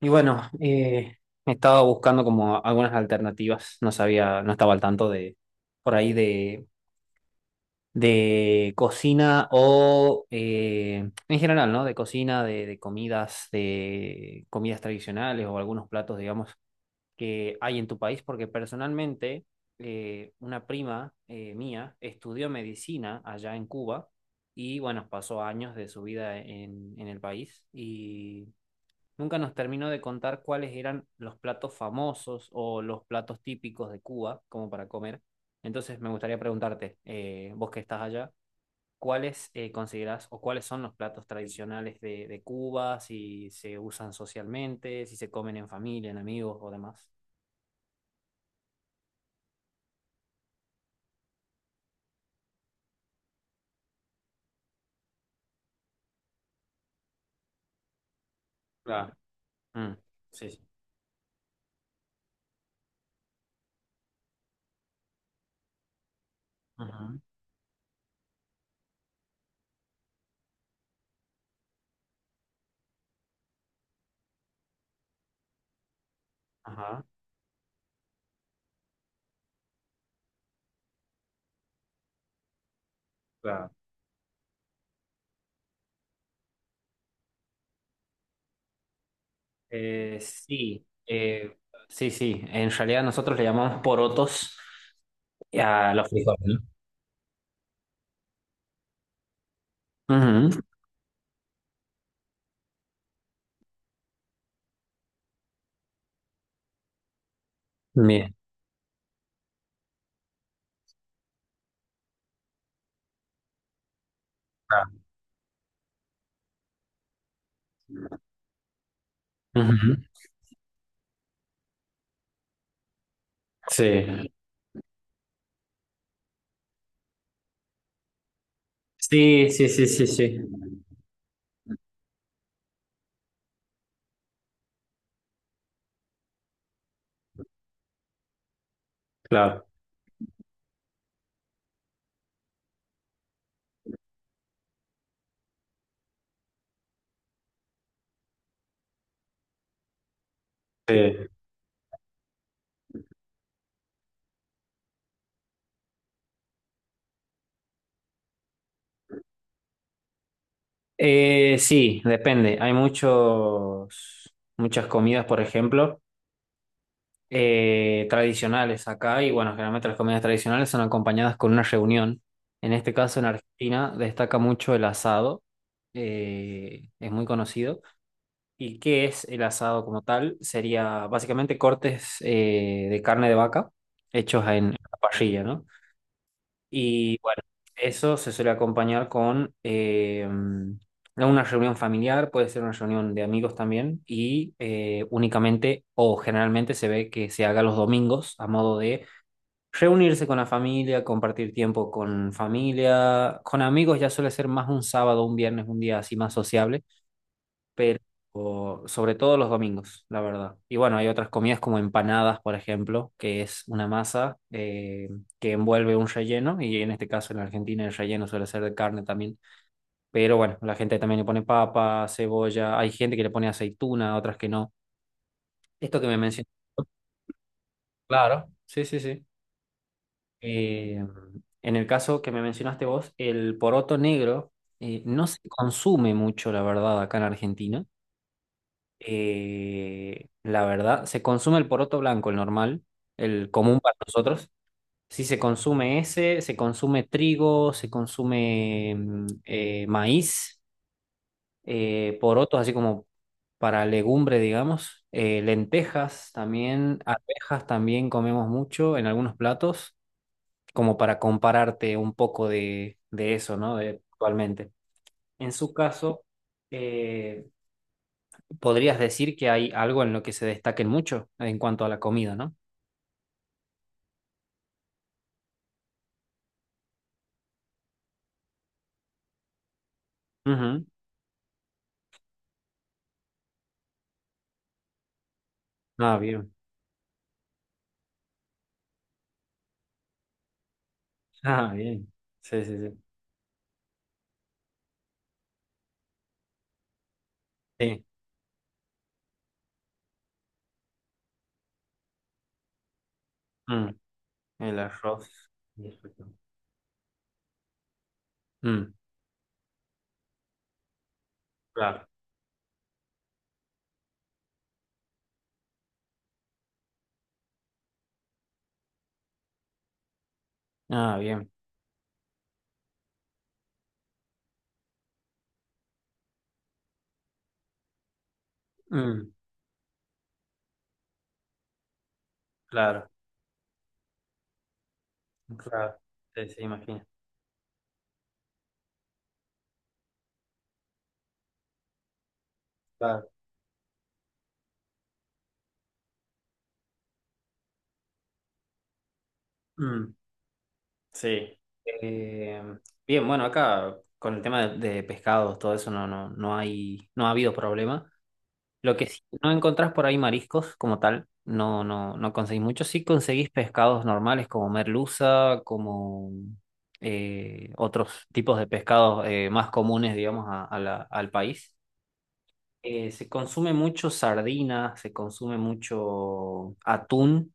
Y bueno, estaba buscando como algunas alternativas. No sabía, no estaba al tanto de por ahí de cocina o en general, ¿no? De cocina, de comidas, de comidas tradicionales o algunos platos, digamos, que hay en tu país. Porque personalmente, una prima mía estudió medicina allá en Cuba y bueno, pasó años de su vida en el país y nunca nos terminó de contar cuáles eran los platos famosos o los platos típicos de Cuba, como para comer. Entonces me gustaría preguntarte, vos que estás allá, ¿cuáles considerás o cuáles son los platos tradicionales de Cuba? Si se usan socialmente, si se comen en familia, en amigos o demás. Claro. Mm. Sí, sí. Ujú. Ajá. Claro. Sí, sí, sí. En realidad nosotros le llamamos porotos a los frijoles, ¿no? Ujú. Bien. Ujú. Sí. Sí, sí, sí, sí, sí. Claro. Sí. Sí, depende. Hay muchas comidas, por ejemplo, tradicionales acá, y bueno, generalmente las comidas tradicionales son acompañadas con una reunión. En este caso, en Argentina, destaca mucho el asado, es muy conocido. ¿Y qué es el asado como tal? Sería básicamente cortes de carne de vaca hechos en la parrilla, ¿no? Y bueno, eso se suele acompañar con una reunión familiar, puede ser una reunión de amigos también, y únicamente o generalmente se ve que se haga los domingos a modo de reunirse con la familia, compartir tiempo con familia, con amigos ya suele ser más un sábado, un viernes, un día así más sociable, pero sobre todo los domingos, la verdad. Y bueno, hay otras comidas como empanadas, por ejemplo, que es una masa que envuelve un relleno, y en este caso en Argentina el relleno suele ser de carne también. Pero bueno, la gente también le pone papa, cebolla, hay gente que le pone aceituna, otras que no. Esto que me mencionaste. Claro, sí, sí, sí. Eh, en el caso que me mencionaste vos, el poroto negro no se consume mucho, la verdad, acá en Argentina. La verdad, se consume el poroto blanco, el normal, el común para nosotros. Sí, se consume ese, se consume trigo, se consume maíz, porotos así como para legumbre, digamos, lentejas también, arvejas también comemos mucho en algunos platos, como para compararte un poco de eso, ¿no? De, actualmente. En su caso, eh, podrías decir que hay algo en lo que se destaquen mucho en cuanto a la comida, ¿no? Ujú. Ah, bien. Ah, bien. Sí, sí, sí. Sí. Mm. El arroz. Y el Mm. Claro. Ah, bien. Mm. Claro. Claro. Sí, sí, imagino. Claro. Mm. Sí. Eh, Bien, bueno, acá con el tema de pescados, todo eso no, no, no hay, no ha habido problema. Lo que sí, no encontrás por ahí mariscos como tal, no, no, no conseguís mucho. Sí conseguís pescados normales como merluza, como otros tipos de pescados más comunes, digamos, al país. Se consume mucho sardina, se consume mucho atún.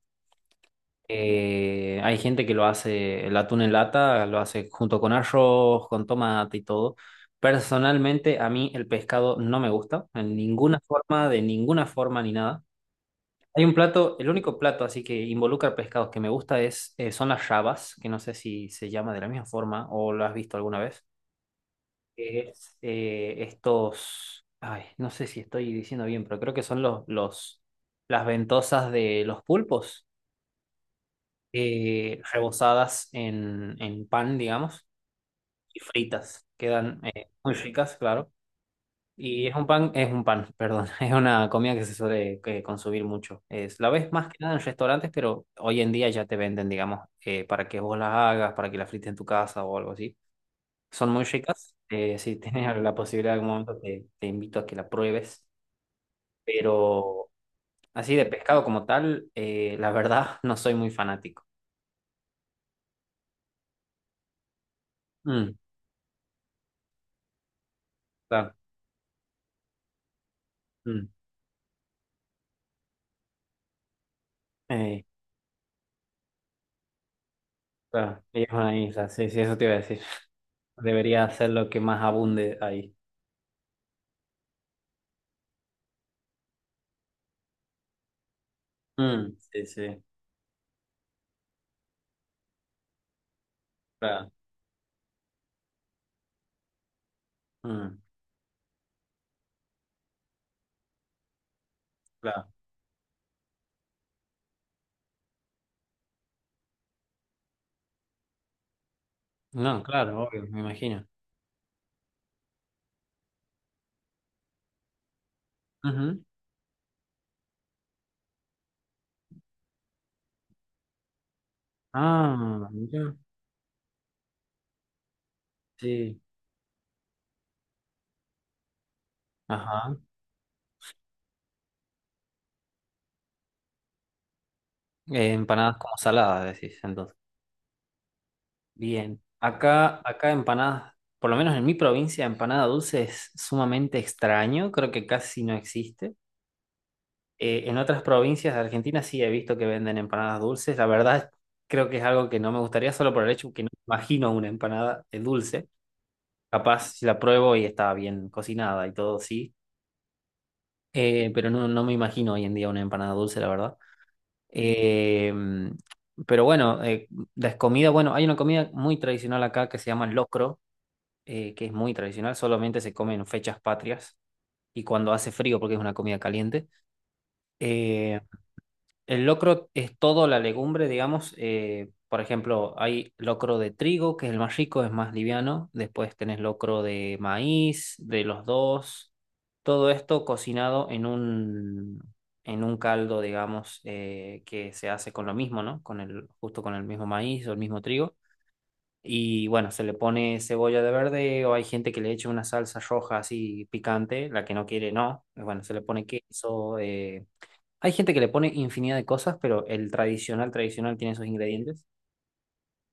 Hay gente que lo hace, el atún en lata, lo hace junto con arroz, con tomate y todo. Personalmente, a mí el pescado no me gusta, en ninguna forma, de ninguna forma ni nada. Hay un plato, el único plato así que involucra pescados que me gusta son las rabas, que no sé si se llama de la misma forma o lo has visto alguna vez. Es estos, ay, no sé si estoy diciendo bien, pero creo que son las ventosas de los pulpos, rebozadas en pan, digamos, y fritas. Quedan muy ricas, claro. Y perdón, es una comida que se suele consumir mucho. Es, la ves más que nada en restaurantes, pero hoy en día ya te venden, digamos, para que vos las hagas, para que las frites en tu casa o algo así. Son muy ricas. Si tienes la posibilidad en algún momento, te invito a que la pruebes. Pero así de pescado como tal, la verdad, no soy muy fanático. Mm, claro, mm, eh, claro, y es una isla, sí, sí, eso te iba a decir. Debería ser lo que más abunde ahí. Mm, sí, sí. Claro. Mm, claro. No, claro, obvio, me imagino. Ujú. Ah, mira. Sí. Ajá. Empanadas como saladas, decís, entonces. Bien. Acá, empanadas, por lo menos en mi provincia, empanada dulce es sumamente extraño, creo que casi no existe. En otras provincias de Argentina sí he visto que venden empanadas dulces. La verdad, creo que es algo que no me gustaría solo por el hecho que no me imagino una empanada dulce. Capaz si la pruebo y está bien cocinada y todo, sí. Pero no, no me imagino hoy en día una empanada dulce, la verdad. Eh, pero bueno, las comidas, bueno, hay una comida muy tradicional acá que se llama locro, que es muy tradicional, solamente se come en fechas patrias y cuando hace frío porque es una comida caliente. Eh, el locro es toda la legumbre, digamos. Por ejemplo, hay locro de trigo, que es el más rico, es más liviano. Después tenés locro de maíz, de los dos. Todo esto cocinado en un, caldo, digamos, que se hace con lo mismo, ¿no? Con el, justo con el mismo maíz o el mismo trigo. Y bueno, se le pone cebolla de verde o hay gente que le echa una salsa roja así picante, la que no quiere, no. Bueno, se le pone queso. Hay gente que le pone infinidad de cosas, pero el tradicional, tradicional tiene esos ingredientes.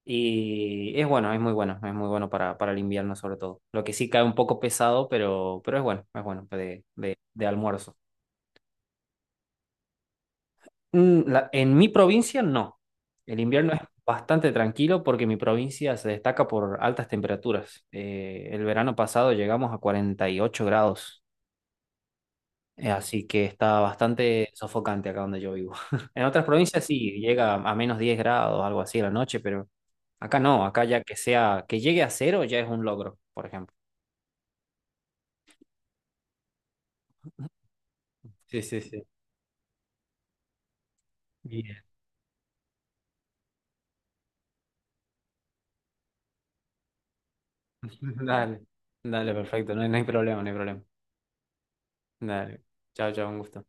Y es bueno, es muy bueno, es muy bueno para el invierno sobre todo. Lo que sí cae un poco pesado, pero es bueno de, de almuerzo. Mm, en mi provincia no. El invierno es bastante tranquilo porque mi provincia se destaca por altas temperaturas. El verano pasado llegamos a 48 grados, así que está bastante sofocante acá donde yo vivo. En otras provincias sí, llega a menos 10 grados, algo así a la noche, pero acá no, acá ya que sea, que llegue a cero ya es un logro, por ejemplo. Sí, sí, sí. Bien. Dale, dale, perfecto, no, no hay problema, no hay problema. Dale, chao, chao, un gusto.